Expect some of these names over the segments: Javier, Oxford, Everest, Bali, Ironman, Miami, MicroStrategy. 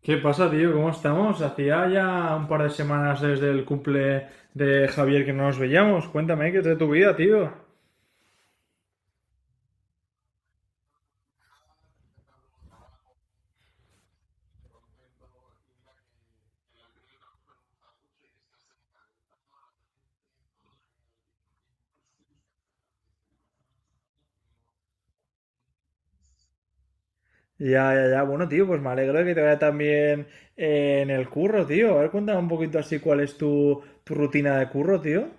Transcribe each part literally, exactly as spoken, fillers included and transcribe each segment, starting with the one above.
¿Qué pasa, tío? ¿Cómo estamos? Hacía ya un par de semanas desde el cumple de Javier que no nos veíamos. Cuéntame qué es de tu vida, tío. Ya, ya, ya. Bueno, tío, pues me alegro de que te vaya tan bien eh, en el curro, tío. A ver, cuéntame un poquito así cuál es tu, tu rutina de curro, tío.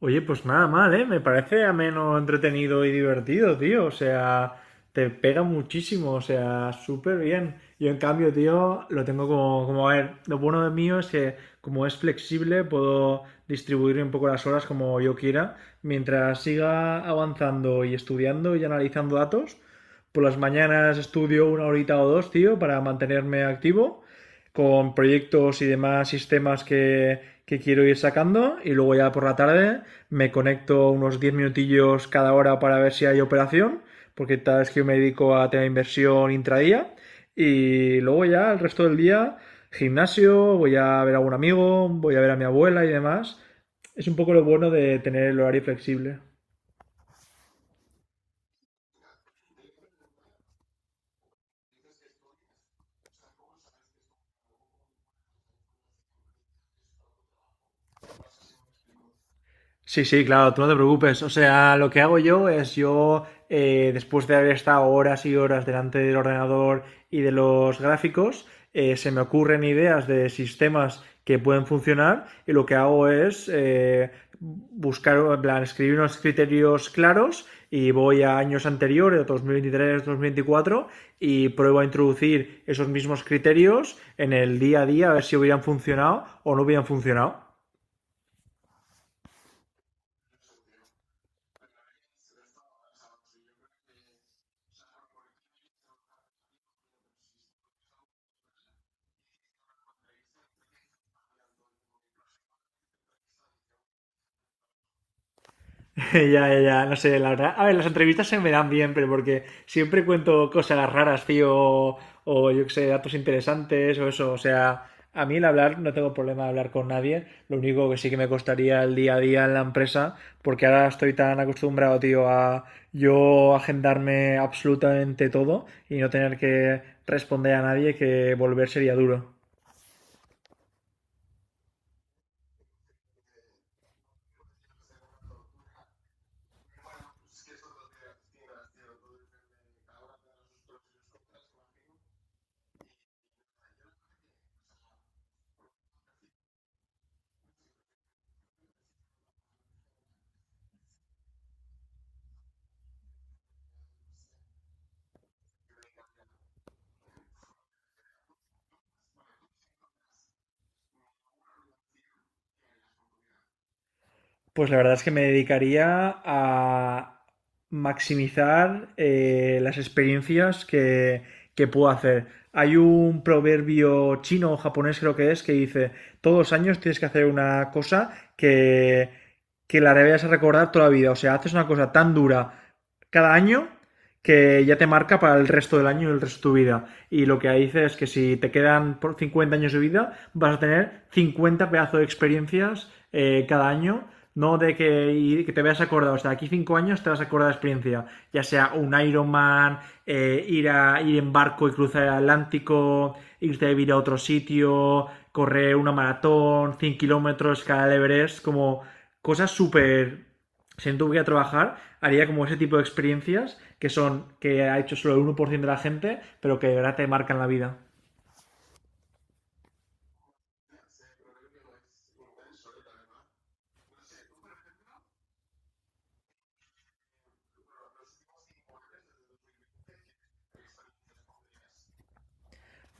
Oye, pues nada mal, ¿eh? Me parece ameno, entretenido y divertido, tío. O sea, te pega muchísimo, o sea, súper bien. Yo en cambio, tío, lo tengo como, como, a ver, lo bueno de mío es que como es flexible, puedo distribuir un poco las horas como yo quiera. Mientras siga avanzando y estudiando y analizando datos, por las mañanas estudio una horita o dos, tío, para mantenerme activo con proyectos y demás sistemas que, que quiero ir sacando. Y luego ya por la tarde me conecto unos diez minutillos cada hora para ver si hay operación, porque tal vez que yo me dedico a tener inversión intradía, y luego ya el resto del día gimnasio, voy a ver a algún amigo, voy a ver a mi abuela y demás. Es un poco lo bueno de tener el horario flexible. Sí, sí, claro, tú no te preocupes. O sea, lo que hago yo es yo, eh, después de haber estado horas y horas delante del ordenador y de los gráficos, eh, se me ocurren ideas de sistemas que pueden funcionar y lo que hago es eh, buscar, en plan, escribir unos criterios claros y voy a años anteriores, dos dos mil veintitrés, dos mil veinticuatro y pruebo a introducir esos mismos criterios en el día a día a ver si hubieran funcionado o no hubieran funcionado. Ya, ya, ya, no sé, la verdad. A ver, las entrevistas se me dan bien, pero porque siempre cuento cosas raras, tío, o, o yo qué sé, datos interesantes o eso. O sea, a mí el hablar, no tengo problema de hablar con nadie. Lo único que sí que me costaría el día a día en la empresa, porque ahora estoy tan acostumbrado, tío, a yo agendarme absolutamente todo y no tener que responder a nadie que volver sería duro. Pues la verdad es que me dedicaría a maximizar eh, las experiencias que, que puedo hacer. Hay un proverbio chino o japonés, creo que es, que dice, todos los años tienes que hacer una cosa que, que la debes recordar toda la vida. O sea, haces una cosa tan dura cada año que ya te marca para el resto del año y el resto de tu vida. Y lo que dice es que si te quedan por cincuenta años de vida, vas a tener cincuenta pedazos de experiencias eh, cada año no de que, y que te veas acordado, o sea, aquí cinco años te vas a acordar de la experiencia, ya sea un Ironman, eh, ir, a, ir en barco y cruzar el Atlántico, irte a vivir a otro sitio, correr una maratón, cien kilómetros, escalar el Everest, como cosas súper... Si no tuviera que trabajar, haría como ese tipo de experiencias que son, que ha hecho solo el uno por ciento de la gente, pero que de verdad te marcan la vida.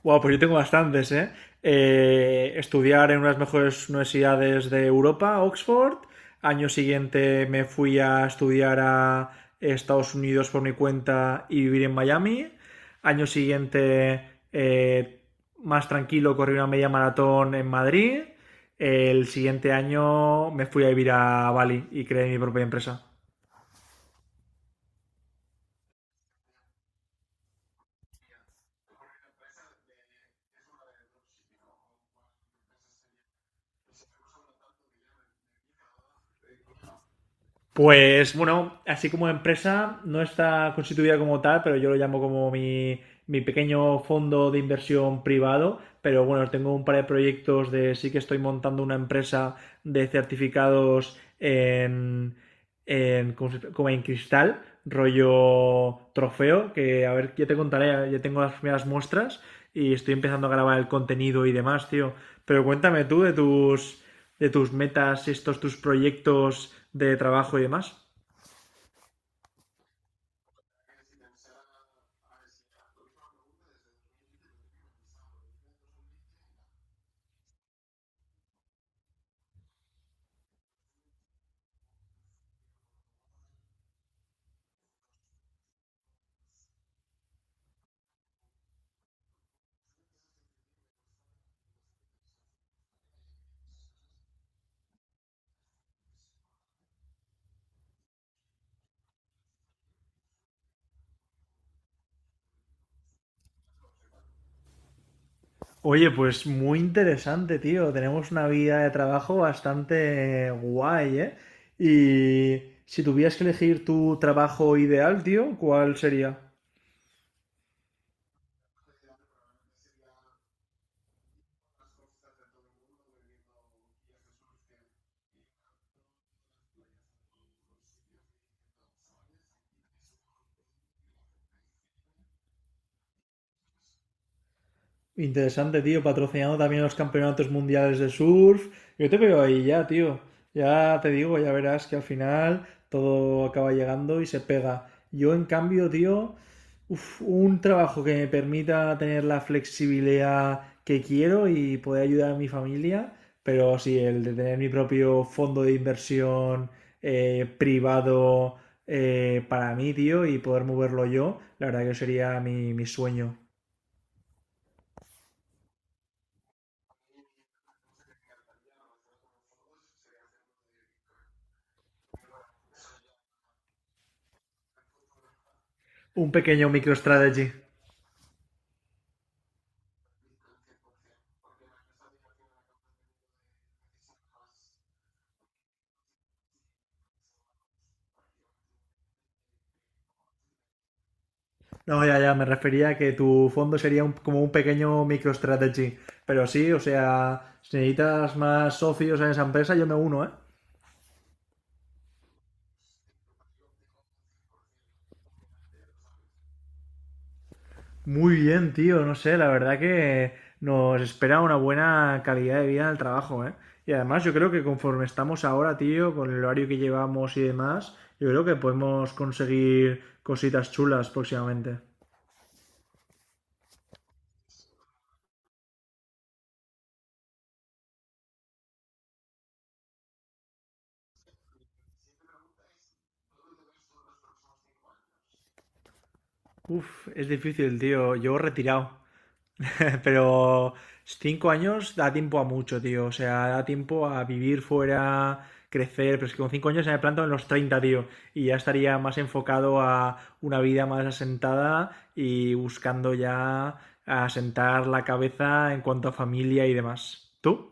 Wow, pues yo tengo bastantes, ¿eh? Eh, estudiar en unas mejores universidades de Europa, Oxford. Año siguiente me fui a estudiar a Estados Unidos por mi cuenta y vivir en Miami. Año siguiente, eh, más tranquilo, corrí una media maratón en Madrid. El siguiente año me fui a vivir a Bali y creé mi propia empresa. Pues bueno, así como empresa, no está constituida como tal, pero yo lo llamo como mi, mi pequeño fondo de inversión privado, pero bueno, tengo un par de proyectos de sí que estoy montando una empresa de certificados en, en- ¿cómo se- como en cristal, rollo trofeo, que a ver, ya te contaré, ya tengo las primeras muestras y estoy empezando a grabar el contenido y demás, tío. Pero cuéntame tú de tus de tus metas, estos tus proyectos de trabajo y demás. Oye, pues muy interesante, tío. Tenemos una vida de trabajo bastante guay, ¿eh? Y si tuvieras que elegir tu trabajo ideal, tío, ¿cuál sería? Interesante, tío, patrocinando también los campeonatos mundiales de surf. Yo te veo ahí ya, tío. Ya te digo, ya verás que al final todo acaba llegando y se pega. Yo, en cambio, tío, uf, un trabajo que me permita tener la flexibilidad que quiero y poder ayudar a mi familia, pero sí, el de tener mi propio fondo de inversión eh, privado eh, para mí, tío, y poder moverlo yo, la verdad que sería mi, mi sueño. Un pequeño MicroStrategy. No, ya, ya, me refería a que tu fondo sería un- como un pequeño MicroStrategy. Pero sí, o sea, si necesitas más socios en esa empresa, yo me uno, ¿eh? Muy bien, tío, no sé, la verdad que nos espera una buena calidad de vida en el trabajo, ¿eh? Y además yo creo que conforme estamos ahora, tío, con el horario que llevamos y demás, yo creo que podemos conseguir cositas chulas próximamente. Uf, es difícil, tío. Yo retirado. Pero cinco años da tiempo a mucho, tío. O sea, da tiempo a vivir fuera, crecer. Pero es que con cinco años ya me planto en los treinta, tío. Y ya estaría más enfocado a una vida más asentada y buscando ya asentar la cabeza en cuanto a familia y demás. ¿Tú?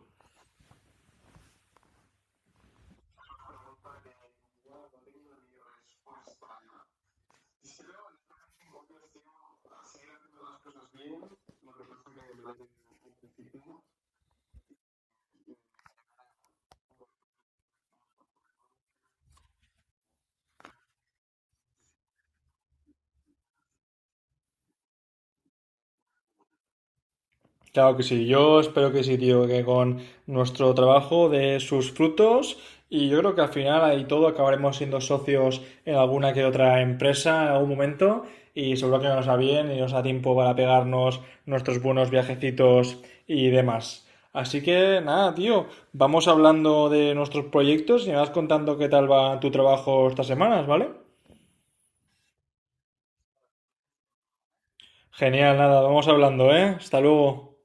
Claro que sí, yo espero que sí, tío, que con nuestro trabajo dé sus frutos y yo creo que al final ahí todo acabaremos siendo socios en alguna que otra empresa en algún momento y seguro que nos va bien y nos da tiempo para pegarnos nuestros buenos viajecitos y demás. Así que nada, tío, vamos hablando de nuestros proyectos y me vas contando qué tal va tu trabajo estas semanas, ¿vale? Genial, nada, vamos hablando, ¿eh? Hasta luego.